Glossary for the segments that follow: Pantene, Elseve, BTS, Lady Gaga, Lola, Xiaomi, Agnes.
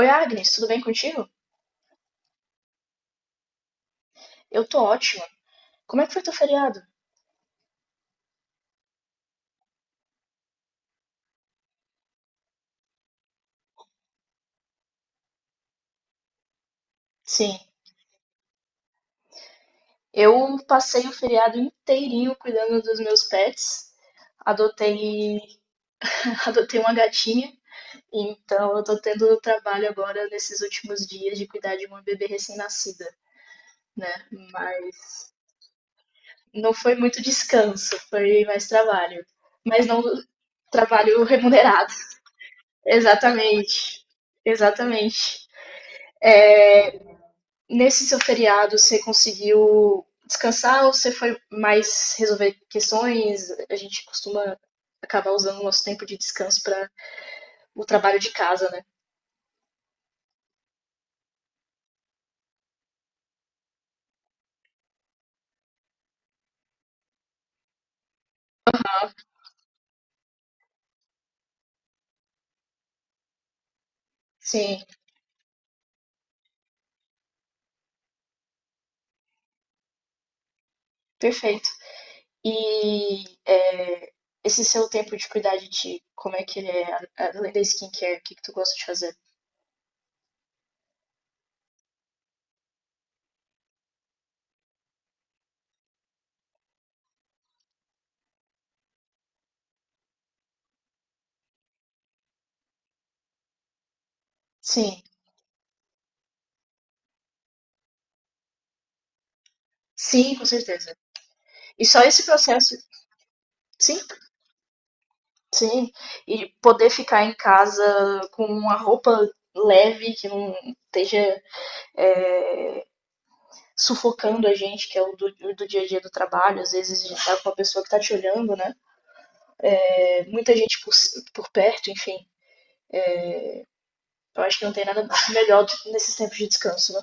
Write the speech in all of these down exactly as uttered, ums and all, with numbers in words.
Oi, Agnes, tudo bem contigo? Eu tô ótima. Como é que foi teu feriado? Sim, eu passei o feriado inteirinho cuidando dos meus pets. Adotei, adotei uma gatinha, então eu tô tendo trabalho agora nesses últimos dias de cuidar de uma bebê recém-nascida, né? Mas não foi muito descanso, foi mais trabalho. Mas não trabalho remunerado. Exatamente, exatamente. É. Nesse seu feriado, você conseguiu descansar ou você foi mais resolver questões? A gente costuma acabar usando o nosso tempo de descanso para o trabalho de casa, né? Sim, perfeito. E é, esse seu tempo de cuidar de ti, como é que ele é? A- Além da skincare, o que que tu gosta de fazer? Sim, sim, com certeza. E só esse processo, sim, sim. E poder ficar em casa com uma roupa leve, que não esteja é, sufocando a gente, que é o do, do dia a dia do trabalho, às vezes a gente tá com uma pessoa que tá te olhando, né? É, muita gente por, por perto, enfim. Eu acho que não tem nada melhor do que nesses tempos de descanso, né?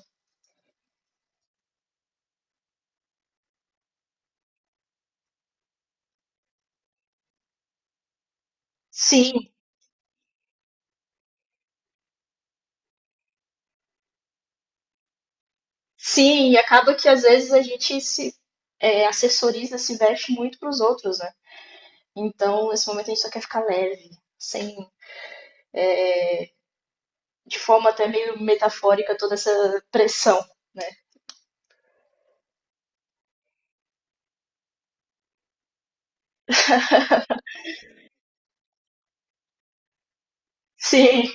Sim, sim, e acaba que às vezes a gente se é, assessoriza, se veste muito pros outros, né? Então, nesse momento a gente só quer ficar leve, sem, de forma até meio metafórica, toda essa pressão, né? Sim,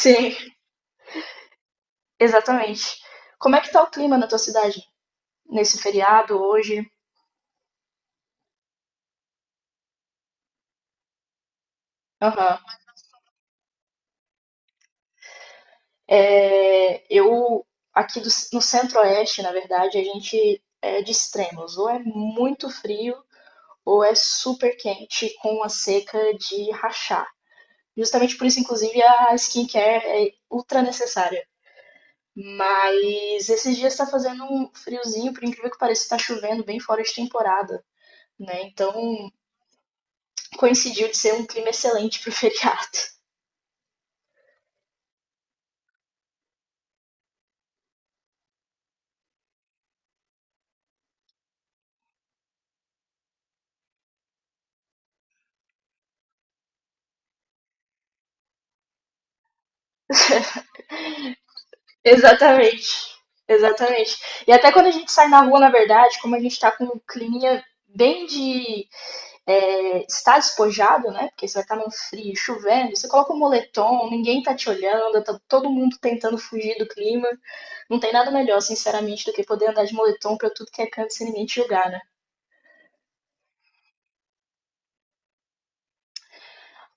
sim, exatamente. Como é que tá o clima na tua cidade? Nesse feriado, hoje? Aham. É, eu, aqui do- no centro-oeste, na verdade, a gente é de extremos. Ou é muito frio, ou é super quente com a seca de rachar. Justamente por isso, inclusive, a skincare é ultra necessária. Mas esses dias está fazendo um friozinho, por incrível que pareça, está chovendo bem fora de temporada, né? Então coincidiu de ser um clima excelente para o feriado. Exatamente, exatamente. E até quando a gente sai na rua, na verdade, como a gente tá com um climinha bem de é, estar despojado, né? Porque você vai estar num frio, chovendo, você coloca um moletom, ninguém tá te olhando, tá todo mundo tentando fugir do clima. Não tem nada melhor, sinceramente, do que poder andar de moletom pra tudo que é canto sem ninguém te julgar, né?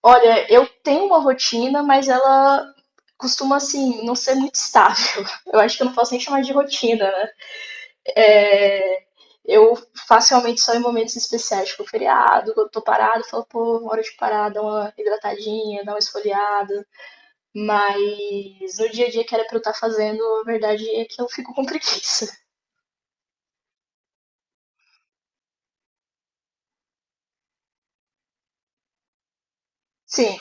Olha, eu tenho uma rotina, mas ela costuma, assim, não ser muito estável. Eu acho que eu não posso nem chamar de rotina, né? É, eu facilmente só em momentos especiais, tipo feriado, quando eu tô parado, eu falo, pô, uma hora de parar, dar uma hidratadinha, dar uma esfoliada. Mas no dia a dia que era pra eu estar fazendo, a verdade é que eu fico com preguiça. Sim,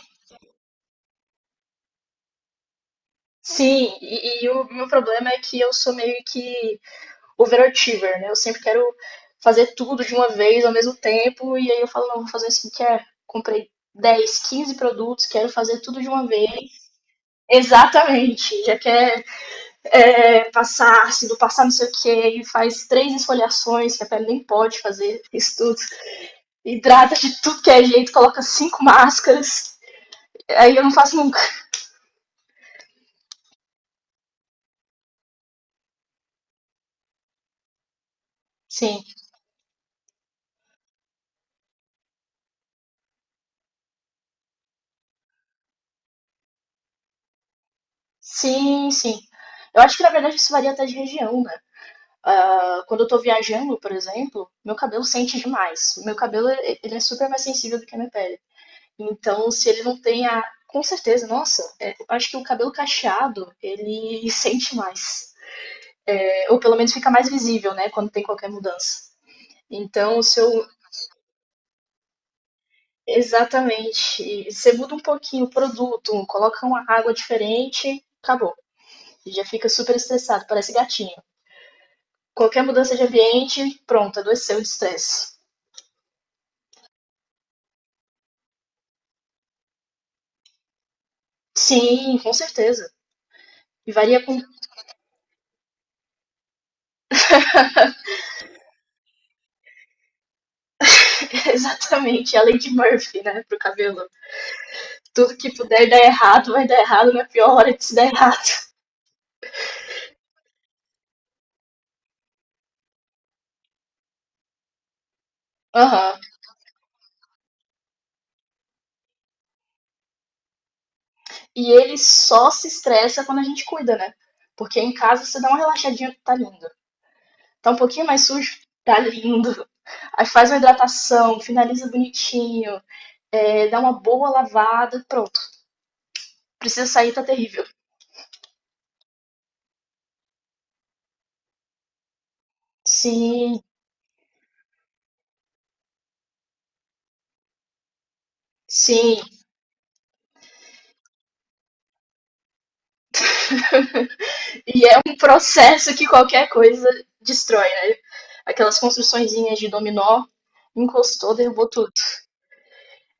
sim, e, e o meu problema é que eu sou meio que overachiever, né? Eu sempre quero fazer tudo de uma vez ao mesmo tempo, e aí eu falo, não, vou fazer um skincare. Comprei dez, quinze produtos, quero fazer tudo de uma vez. Exatamente, já quer é, passar ácido, passar não sei o que, e faz três esfoliações, que a pele nem pode fazer isso tudo. Hidrata de tudo que é jeito, coloca cinco máscaras. Aí eu não faço nunca. Sim, sim, sim. Eu acho que na verdade isso varia até de região, né? Uh, quando eu tô viajando, por exemplo, meu cabelo sente demais. Meu cabelo ele é super mais sensível do que a minha pele. Então, se ele não tem a. Com certeza, nossa, é, eu acho que o cabelo cacheado, ele sente mais. Ou pelo menos fica mais visível, né? Quando tem qualquer mudança. Então, se eu. Exatamente. Você muda um pouquinho o produto, coloca uma água diferente, acabou. Já fica super estressado, parece gatinho. Qualquer mudança de ambiente, pronto, adoeceu de estresse. Sim, com certeza. E varia com exatamente a lei de Murphy, né, pro cabelo. Tudo que puder dar errado vai dar errado na pior hora de se dar errado. Aham. E ele só se estressa quando a gente cuida, né? Porque em casa você dá uma relaxadinha, tá lindo. Tá um pouquinho mais sujo, tá lindo. Aí faz uma hidratação, finaliza bonitinho, é, dá uma boa lavada, pronto. Precisa sair, tá terrível. Sim, sim. E é um processo que qualquer coisa destrói, né? Aquelas construçõezinhas de dominó, encostou, derrubou tudo.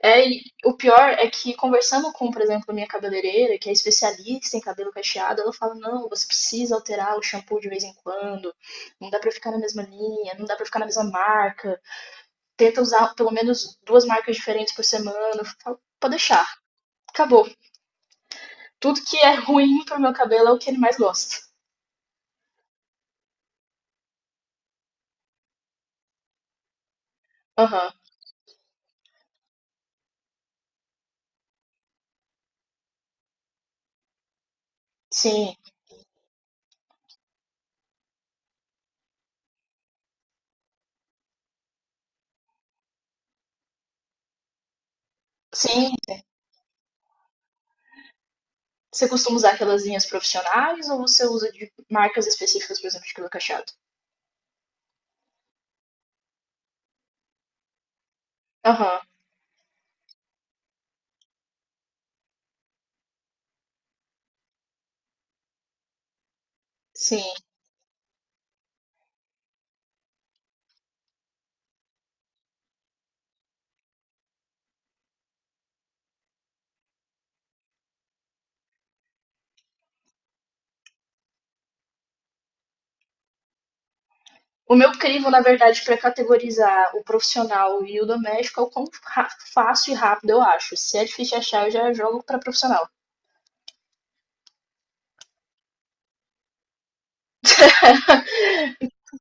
É, e o pior é que conversando com, por exemplo, a minha cabeleireira, que é especialista em cabelo cacheado, ela fala: "Não, você precisa alterar o shampoo de vez em quando. Não dá pra ficar na mesma linha, não dá pra ficar na mesma marca. Tenta usar pelo menos duas marcas diferentes por semana". Eu falo, Pode deixar. Acabou. Tudo que é ruim pro meu cabelo é o que ele mais gosta. Aham. Sim. Sim. Você costuma usar aquelas linhas profissionais ou você usa de marcas específicas, por exemplo, de cabelo cacheado? Aham. Sim. O meu crivo, na verdade, para categorizar o profissional e o doméstico é o quão ra- fácil e rápido eu acho. Se é difícil de achar, eu já jogo para profissional.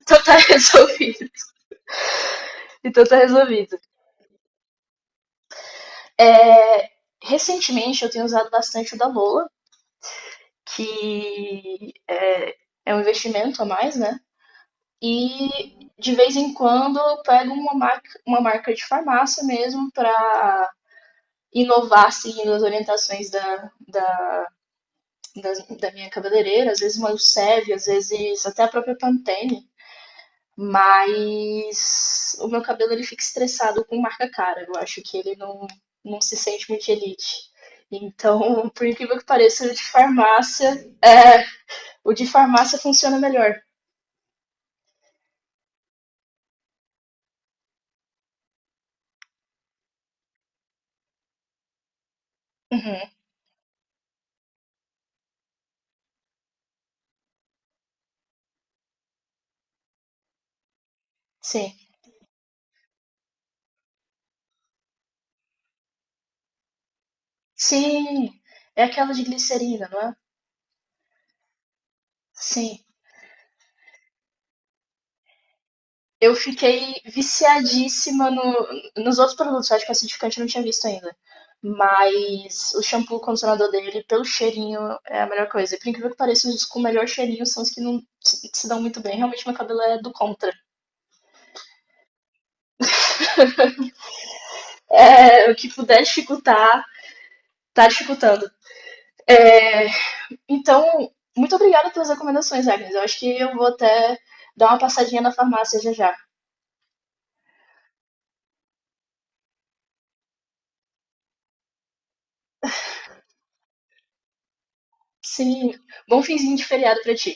Então tá resolvido. Então tá resolvido. É, recentemente eu tenho usado bastante o da Lola, que é, é um investimento a mais, né? E de vez em quando eu pego uma marca, uma marca de farmácia mesmo para inovar seguindo as orientações da, da da, da minha cabeleireira, às vezes uma Elseve, às vezes até a própria Pantene. Mas o meu cabelo ele fica estressado com marca cara. Eu acho que ele não, não se sente muito elite. Então, por incrível que pareça, o de farmácia, é, o de farmácia funciona melhor. Uhum, sim. Sim, é aquela de glicerina, não é? Sim. eu fiquei viciadíssima no, nos outros produtos. Eu acho que o acidificante eu não tinha visto ainda. Mas o shampoo, o condicionador dele, pelo cheirinho, é a melhor coisa. E por incrível que pareça, os com o melhor cheirinho são os que não se, se dão muito bem. Realmente, meu cabelo é do contra. É, o que puder dificultar, tá dificultando. É, então, muito obrigada pelas recomendações, Agnes. Eu acho que eu vou até dar uma passadinha na farmácia já já. Sim, bom finzinho de feriado pra ti.